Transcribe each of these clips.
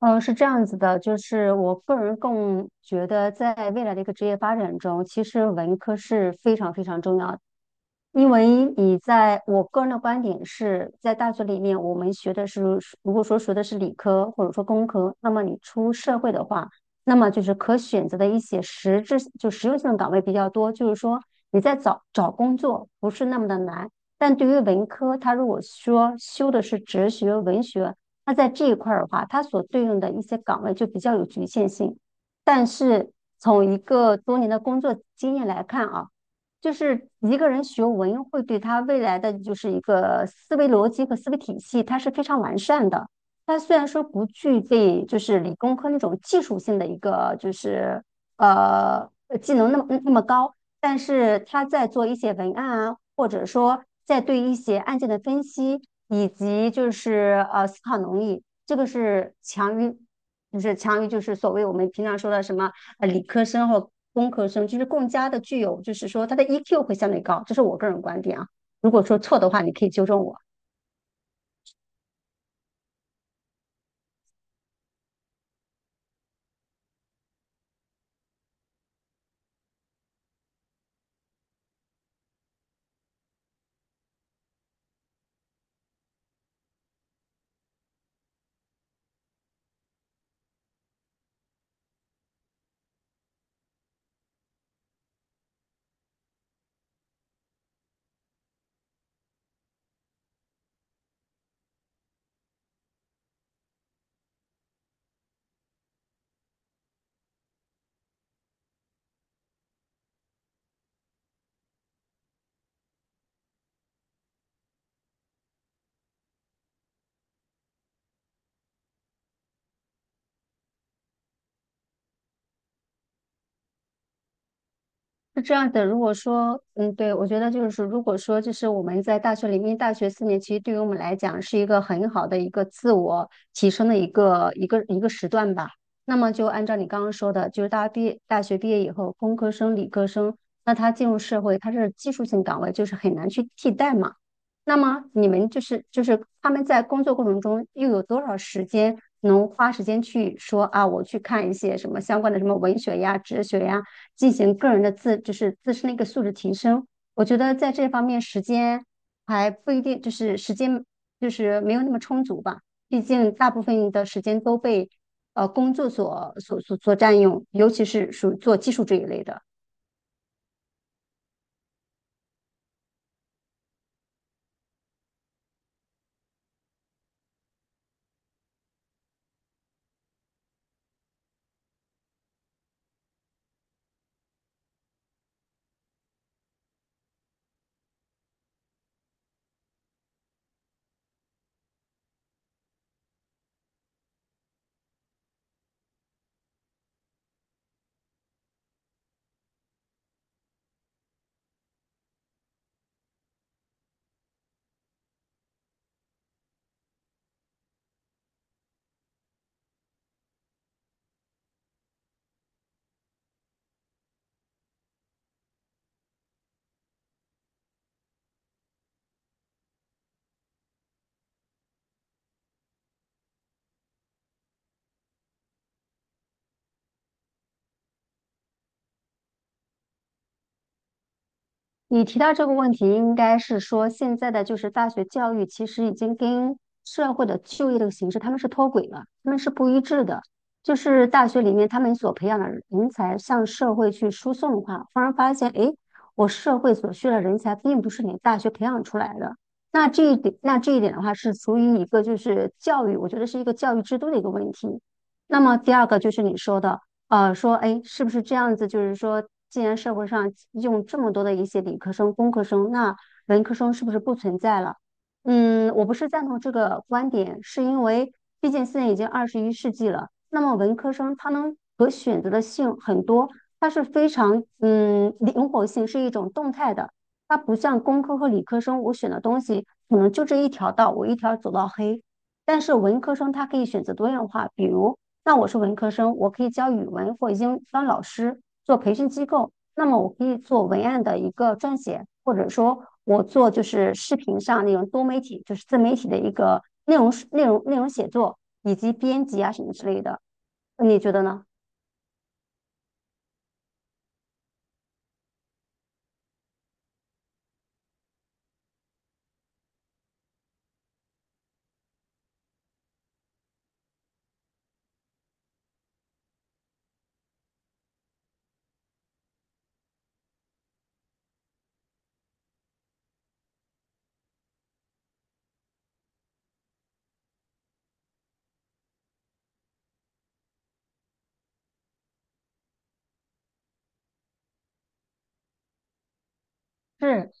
是这样子的，就是我个人更觉得，在未来的一个职业发展中，其实文科是非常非常重要。因为我个人的观点是在大学里面，我们学的是，如果说学的是理科或者说工科，那么你出社会的话，那么就是可选择的一些实质就实用性的岗位比较多，就是说你在找工作不是那么的难。但对于文科，它如果说修的是哲学、文学，那在这一块儿的话，它所对应的一些岗位就比较有局限性。但是从一个多年的工作经验来看啊。就是一个人学文会对他未来的就是一个思维逻辑和思维体系，它是非常完善的。他虽然说不具备就是理工科那种技术性的一个就是技能那么高，但是他在做一些文案啊，或者说在对一些案件的分析，以及思考能力，这个是强于，就是强于就是所谓我们平常说的什么。理科生或工科生，就是更加的具有，就是说他的 EQ 会相对高，这是我个人观点啊。如果说错的话，你可以纠正我。是这样的，如果说，嗯，对，我觉得就是说，如果说就是我们在大学里面，大学四年其实对于我们来讲是一个很好的一个自我提升的一个时段吧。那么就按照你刚刚说的，就是大家毕业大学毕业以后，工科生、理科生，那他进入社会，他是技术性岗位，就是很难去替代嘛。那么你们就是他们在工作过程中又有多少时间能花时间去说啊，我去看一些什么相关的什么文学呀、哲学呀？进行个人的自，就是自身的一个素质提升。我觉得在这方面时间还不一定，就是时间就是没有那么充足吧。毕竟大部分的时间都被工作所占用，尤其是属于做技术这一类的。你提到这个问题，应该是说现在的就是大学教育其实已经跟社会的就业这个形势他们是脱轨了，他们是不一致的。就是大学里面他们所培养的人才向社会去输送的话，忽然发现，诶，我社会所需的人才并不是你大学培养出来的。那这一点的话是属于一个就是教育，我觉得是一个教育制度的一个问题。那么第二个就是你说的。说，哎，是不是这样子？就是说，既然社会上用这么多的一些理科生、工科生，那文科生是不是不存在了？嗯，我不是赞同这个观点，是因为毕竟现在已经二十一世纪了，那么文科生他能可选择的性很多，它是非常灵活性是一种动态的，它不像工科和理科生，我选的东西可能就这一条道，我一条走到黑。但是文科生他可以选择多样化，比如那我是文科生，我可以教语文，或英经当老师，做培训机构，那么我可以做文案的一个撰写，或者说我做就是视频上那种多媒体，就是自媒体的一个内容写作以及编辑啊什么之类的，你觉得呢？是，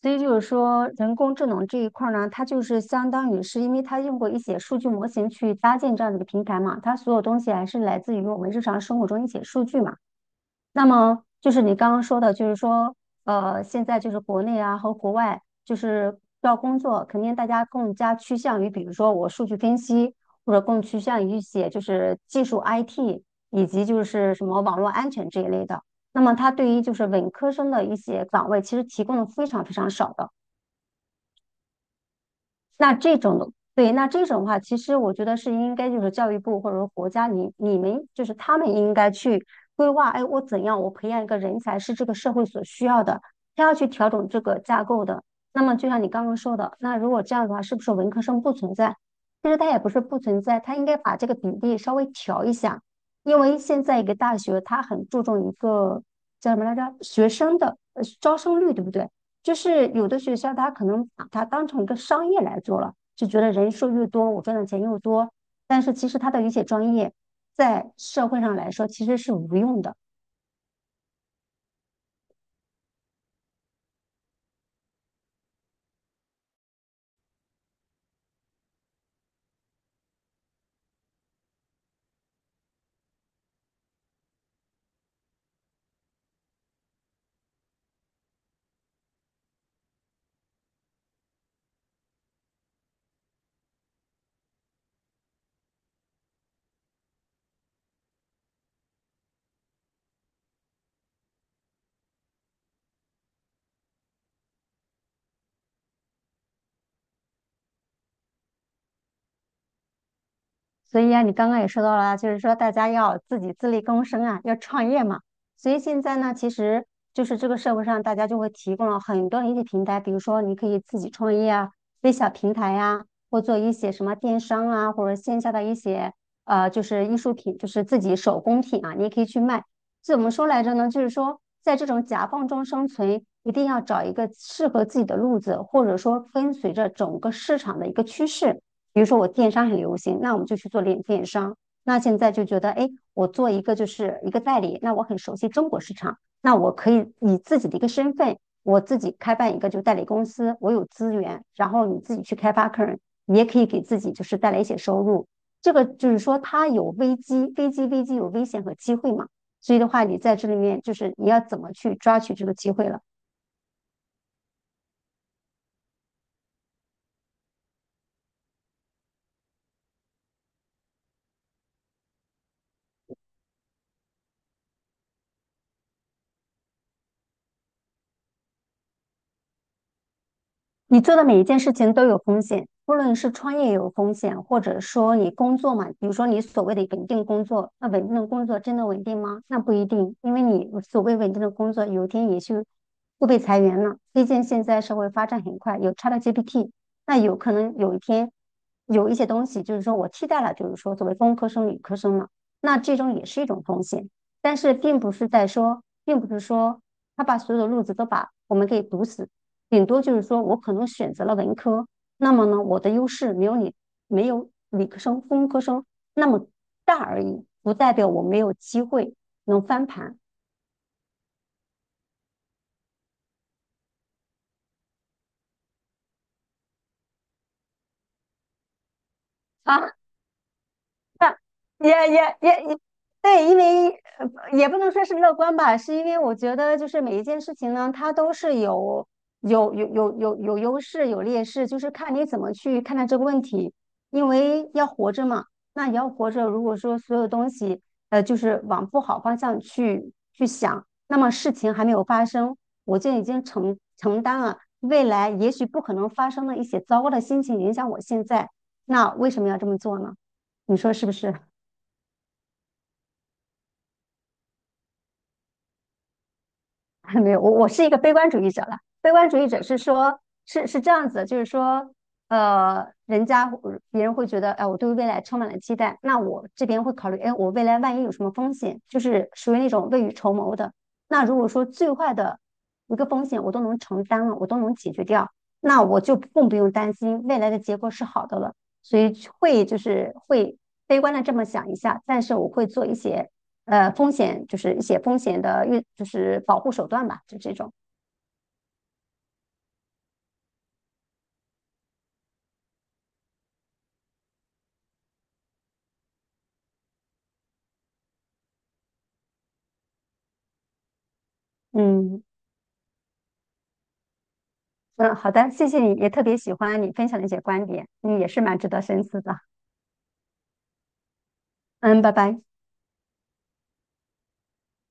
所以就是说，人工智能这一块儿呢，它就是相当于是因为它用过一些数据模型去搭建这样的一个平台嘛，它所有东西还是来自于我们日常生活中一些数据嘛。那么就是你刚刚说的，就是说，现在就是国内啊和国外，就是要工作，肯定大家更加趋向于，比如说我数据分析，或者更趋向于一些就是技术 IT，以及就是什么网络安全这一类的。那么它对于就是文科生的一些岗位，其实提供的非常非常少的。那这种的，对，那这种的话，其实我觉得是应该就是教育部或者说国家，你们就是他们应该去规划，哎，我怎样我培养一个人才是这个社会所需要的，他要去调整这个架构的。那么就像你刚刚说的，那如果这样的话，是不是文科生不存在？其实他也不是不存在，他应该把这个比例稍微调一下，因为现在一个大学它很注重一个叫什么来着，学生的招生率，对不对？就是有的学校他可能把它当成一个商业来做了，就觉得人数越多，我赚的钱又多。但是其实他的一些专业在社会上来说其实是无用的，所以啊，你刚刚也说到了啊，就是说大家要自己自力更生啊，要创业嘛。所以现在呢，其实就是这个社会上大家就会提供了很多的一些平台，比如说你可以自己创业啊，微小平台呀、或做一些什么电商啊，或者线下的一些就是艺术品，就是自己手工品啊，你也可以去卖。怎么说来着呢？就是说在这种夹缝中生存，一定要找一个适合自己的路子，或者说跟随着整个市场的一个趋势。比如说我电商很流行，那我们就去做电商。那现在就觉得，哎，我做一个就是一个代理，那我很熟悉中国市场，那我可以以自己的一个身份，我自己开办一个就代理公司，我有资源，然后你自己去开发客人，你也可以给自己就是带来一些收入。这个就是说，它有危机，危机有危险和机会嘛。所以的话，你在这里面就是你要怎么去抓取这个机会了。你做的每一件事情都有风险，不论是创业有风险，或者说你工作嘛，比如说你所谓的稳定工作，那稳定的工作真的稳定吗？那不一定，因为你所谓稳定的工作，有一天也是会被裁员了。毕竟现在社会发展很快，有 ChatGPT，那有可能有一天有一些东西就是说我替代了，就是说作为工科生、理科生了，那这种也是一种风险，但是并不是在说，并不是说他把所有的路子都把我们给堵死。顶多就是说我可能选择了文科，那么呢，我的优势没有你没有理科生、工科生那么大而已，不代表我没有机会能翻盘啊。也，对，因为呃也不能说是乐观吧，是因为我觉得就是每一件事情呢，它都是有有优势有劣势，就是看你怎么去看待这个问题。因为要活着嘛，那你要活着，如果说所有东西就是往不好方向去想，那么事情还没有发生，我就已经承担了未来也许不可能发生的一些糟糕的心情影响我现在，那为什么要这么做呢？你说是不是？没有，我是一个悲观主义者了。悲观主义者是说，是这样子的就是说，呃，人家别人会觉得，哎、我对未来充满了期待，那我这边会考虑，哎，我未来万一有什么风险，就是属于那种未雨绸缪的。那如果说最坏的一个风险我都能承担了，我都能解决掉，那我就更不用担心未来的结果是好的了。所以会就是会悲观的这么想一下，但是我会做一些风险，就是一些风险的预，就是保护手段吧，就这种。嗯嗯，好的，谢谢你，也特别喜欢你分享的一些观点，嗯，也是蛮值得深思的。嗯，拜拜。